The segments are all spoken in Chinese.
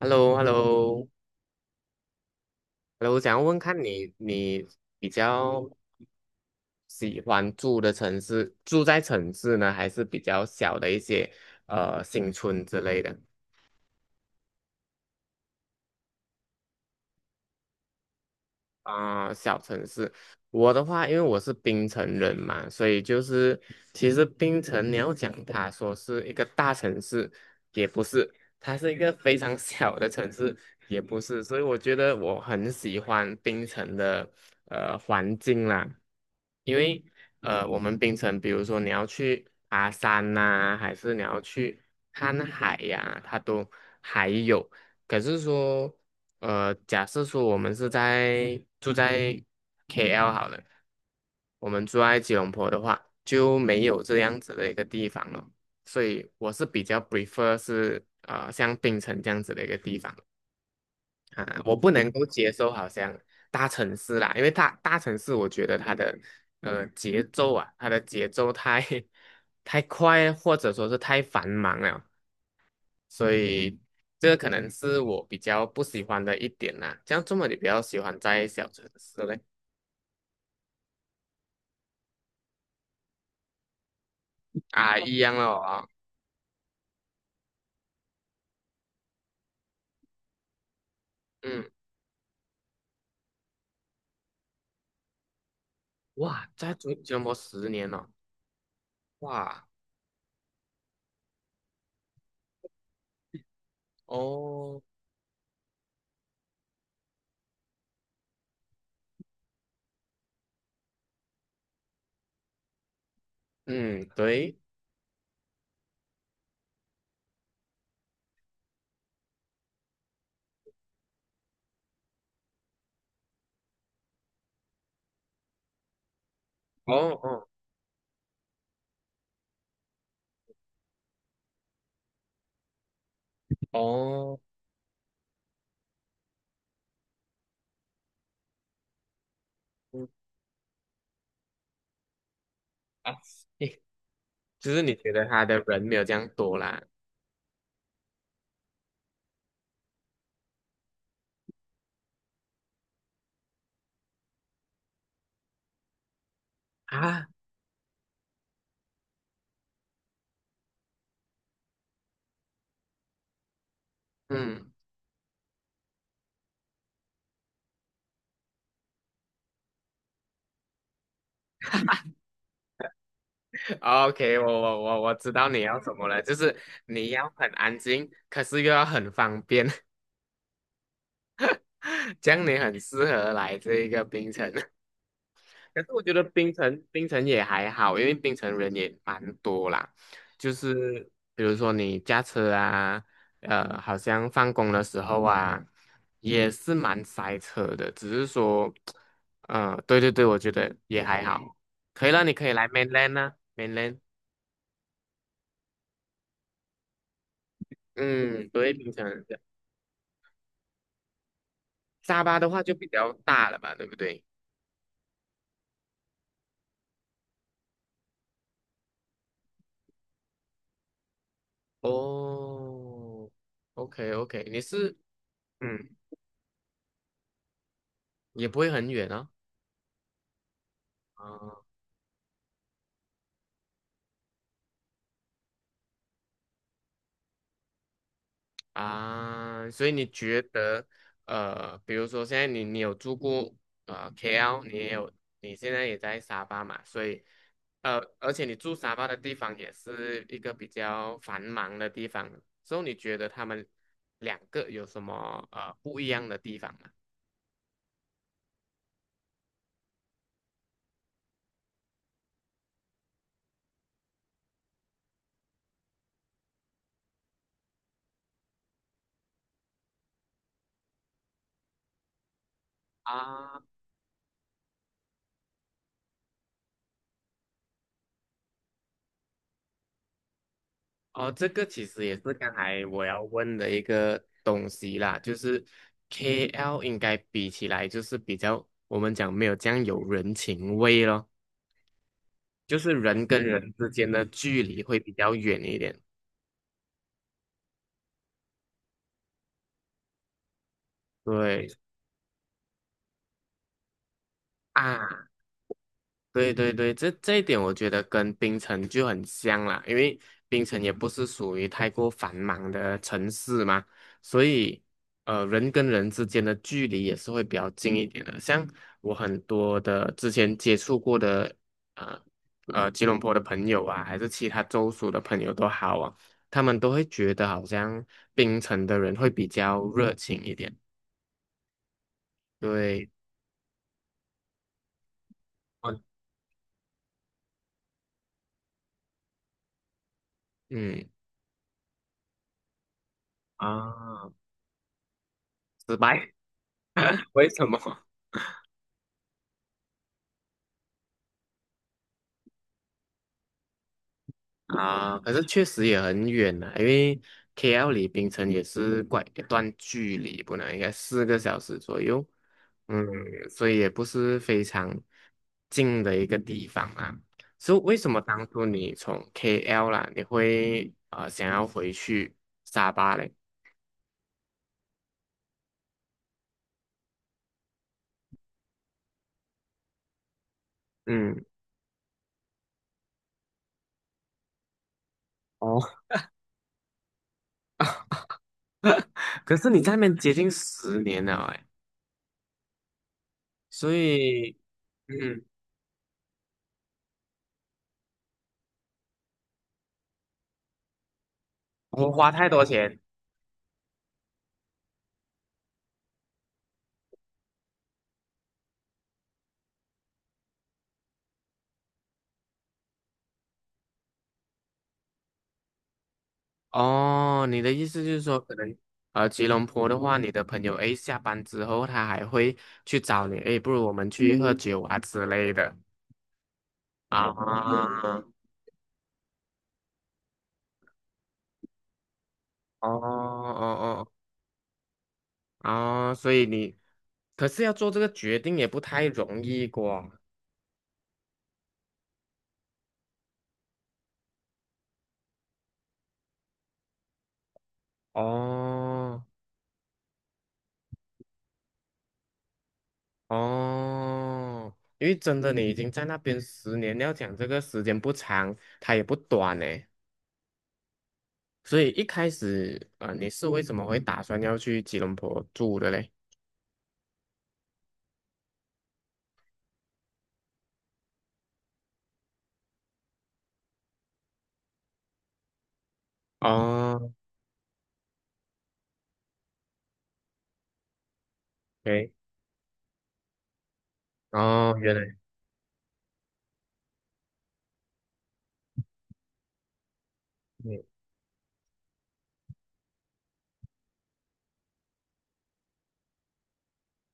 h e l l o h e l l o h e l l o 我想要问看你，你比较喜欢住的城市，住在城市呢，还是比较小的一些新村之类的？啊、小城市，我的话，因为我是槟城人嘛，所以就是其实槟城你要讲它说是一个大城市，也不是，它是一个非常 小的城市，也不是，所以我觉得我很喜欢槟城的环境啦，因为我们槟城，比如说你要去爬山呐、还是你要去看海呀、它都还有。可是说，假设说我们是在住在 KL 好了，我们住在吉隆坡的话，就没有这样子的一个地方了。所以我是比较 prefer 是像槟城这样子的一个地方啊，我不能够接受好像大城市啦，因为大城市我觉得它的节奏啊，它的节奏太 太快，或者说是太繁忙了，所以这个可能是我比较不喜欢的一点啦。这样这么你比较喜欢在小城市嘞？啊，一样了啊。嗯，哇，在吉隆坡十年了、哇，哦，嗯，对，哦哦哦，嗯啊，嘿，就是你觉得他的人没有这样多啦。啊？嗯 ，OK，我知道你要什么了，就是你要很安静，可是又要很方便，这样你很适合来这一个冰城。可是我觉得槟城也还好，因为槟城人也蛮多啦。就是比如说你驾车啊，好像放工的时候啊，也是蛮塞车的。只是说，对对对，我觉得也还好。可以了，你可以来 mainland 啊，mainland。嗯，对，槟城人这样。沙巴的话就比较大了吧，对不对？哦，OK OK，你是。嗯，也不会很远哦。哦，啊，所以你觉得，比如说现在你有住过KL，你也有，你现在也在沙巴嘛，所以，而且你住沙巴的地方也是一个比较繁忙的地方，所以你觉得他们两个有什么不一样的地方吗？啊，哦，这个其实也是刚才我要问的一个东西啦，就是 KL 应该比起来就是比较，我们讲没有这样有人情味咯。就是人跟人之间的距离会比较远一点。对啊，对对对，这一点我觉得跟槟城就很像啦，因为槟城也不是属于太过繁忙的城市嘛，所以人跟人之间的距离也是会比较近一点的。像我很多的之前接触过的呃吉隆坡的朋友啊，还是其他州属的朋友都好啊，他们都会觉得好像槟城的人会比较热情一点。对，哦，嗯，啊，失白，为什么？啊，可是确实也很远呢、因为 KL 离槟城也是怪一段距离，不能应该四个小时左右，嗯，所以也不是非常近的一个地方啊。所以为什么当初你从 KL 啦，你会想要回去沙巴嘞？嗯，哦，可是你在那边接近十年了哎，所以嗯，我花太多钱。哦，你的意思就是说，可能吉隆坡的话，你的朋友 A 下班之后，他还会去找你，诶，不如我们去喝酒啊之类的啊。哦哦哦哦，所以你。可是要做这个决定也不太容易过。哦哦，因为真的你已经在那边十年，要讲这个时间不长，它也不短呢。所以一开始，你是为什么会打算要去吉隆坡住的嘞？哦，OK，哦，原来，嗯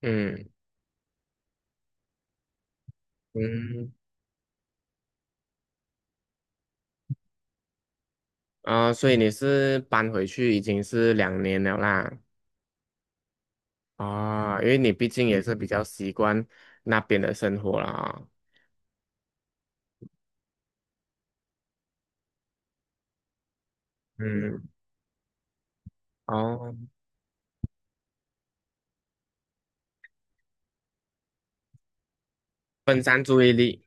嗯嗯，啊、所以你是搬回去已经是两年了啦，啊、因为你毕竟也是比较习惯那边的生活啦，嗯，哦，分散注意力，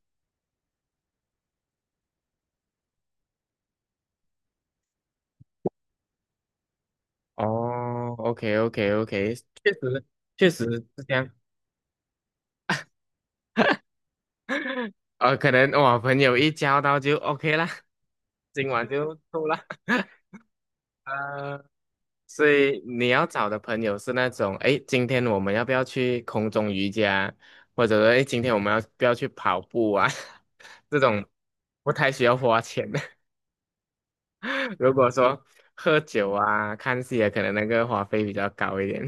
哦，OK OK OK，确实确实是这样，可能我朋友一交到就 OK 啦，今晚就够了，呃所以你要找的朋友是那种，哎，今天我们要不要去空中瑜伽，或者说，哎，今天我们要不要去跑步啊？这种不太需要花钱的。如果说喝酒啊、看戏啊，可能那个花费比较高一点。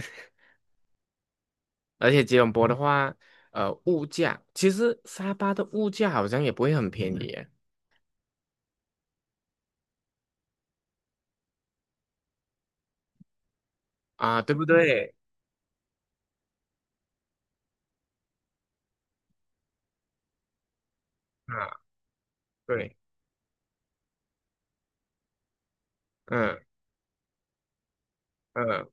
而且吉隆坡的话，物价其实沙巴的物价好像也不会很便宜耶。啊，对不对？啊，对，嗯嗯。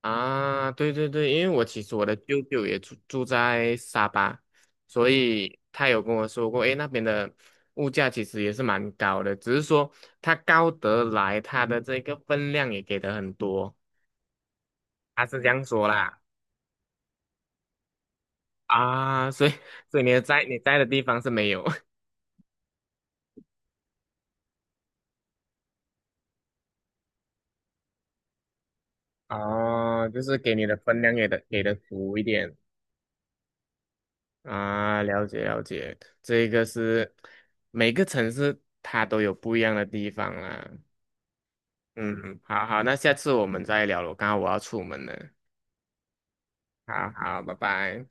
啊，对对对，因为我其实我的舅舅也住在沙巴，所以他有跟我说过，诶，那边的物价其实也是蛮高的，只是说它高得来，它的这个分量也给的很多，他是这样说啦。啊，所以在你在的地方是没有。 哦，就是给你的分量给的足一点。啊，了解了解，这个是每个城市它都有不一样的地方啦。嗯，好好，那下次我们再聊了，刚刚我要出门了，好好，拜拜。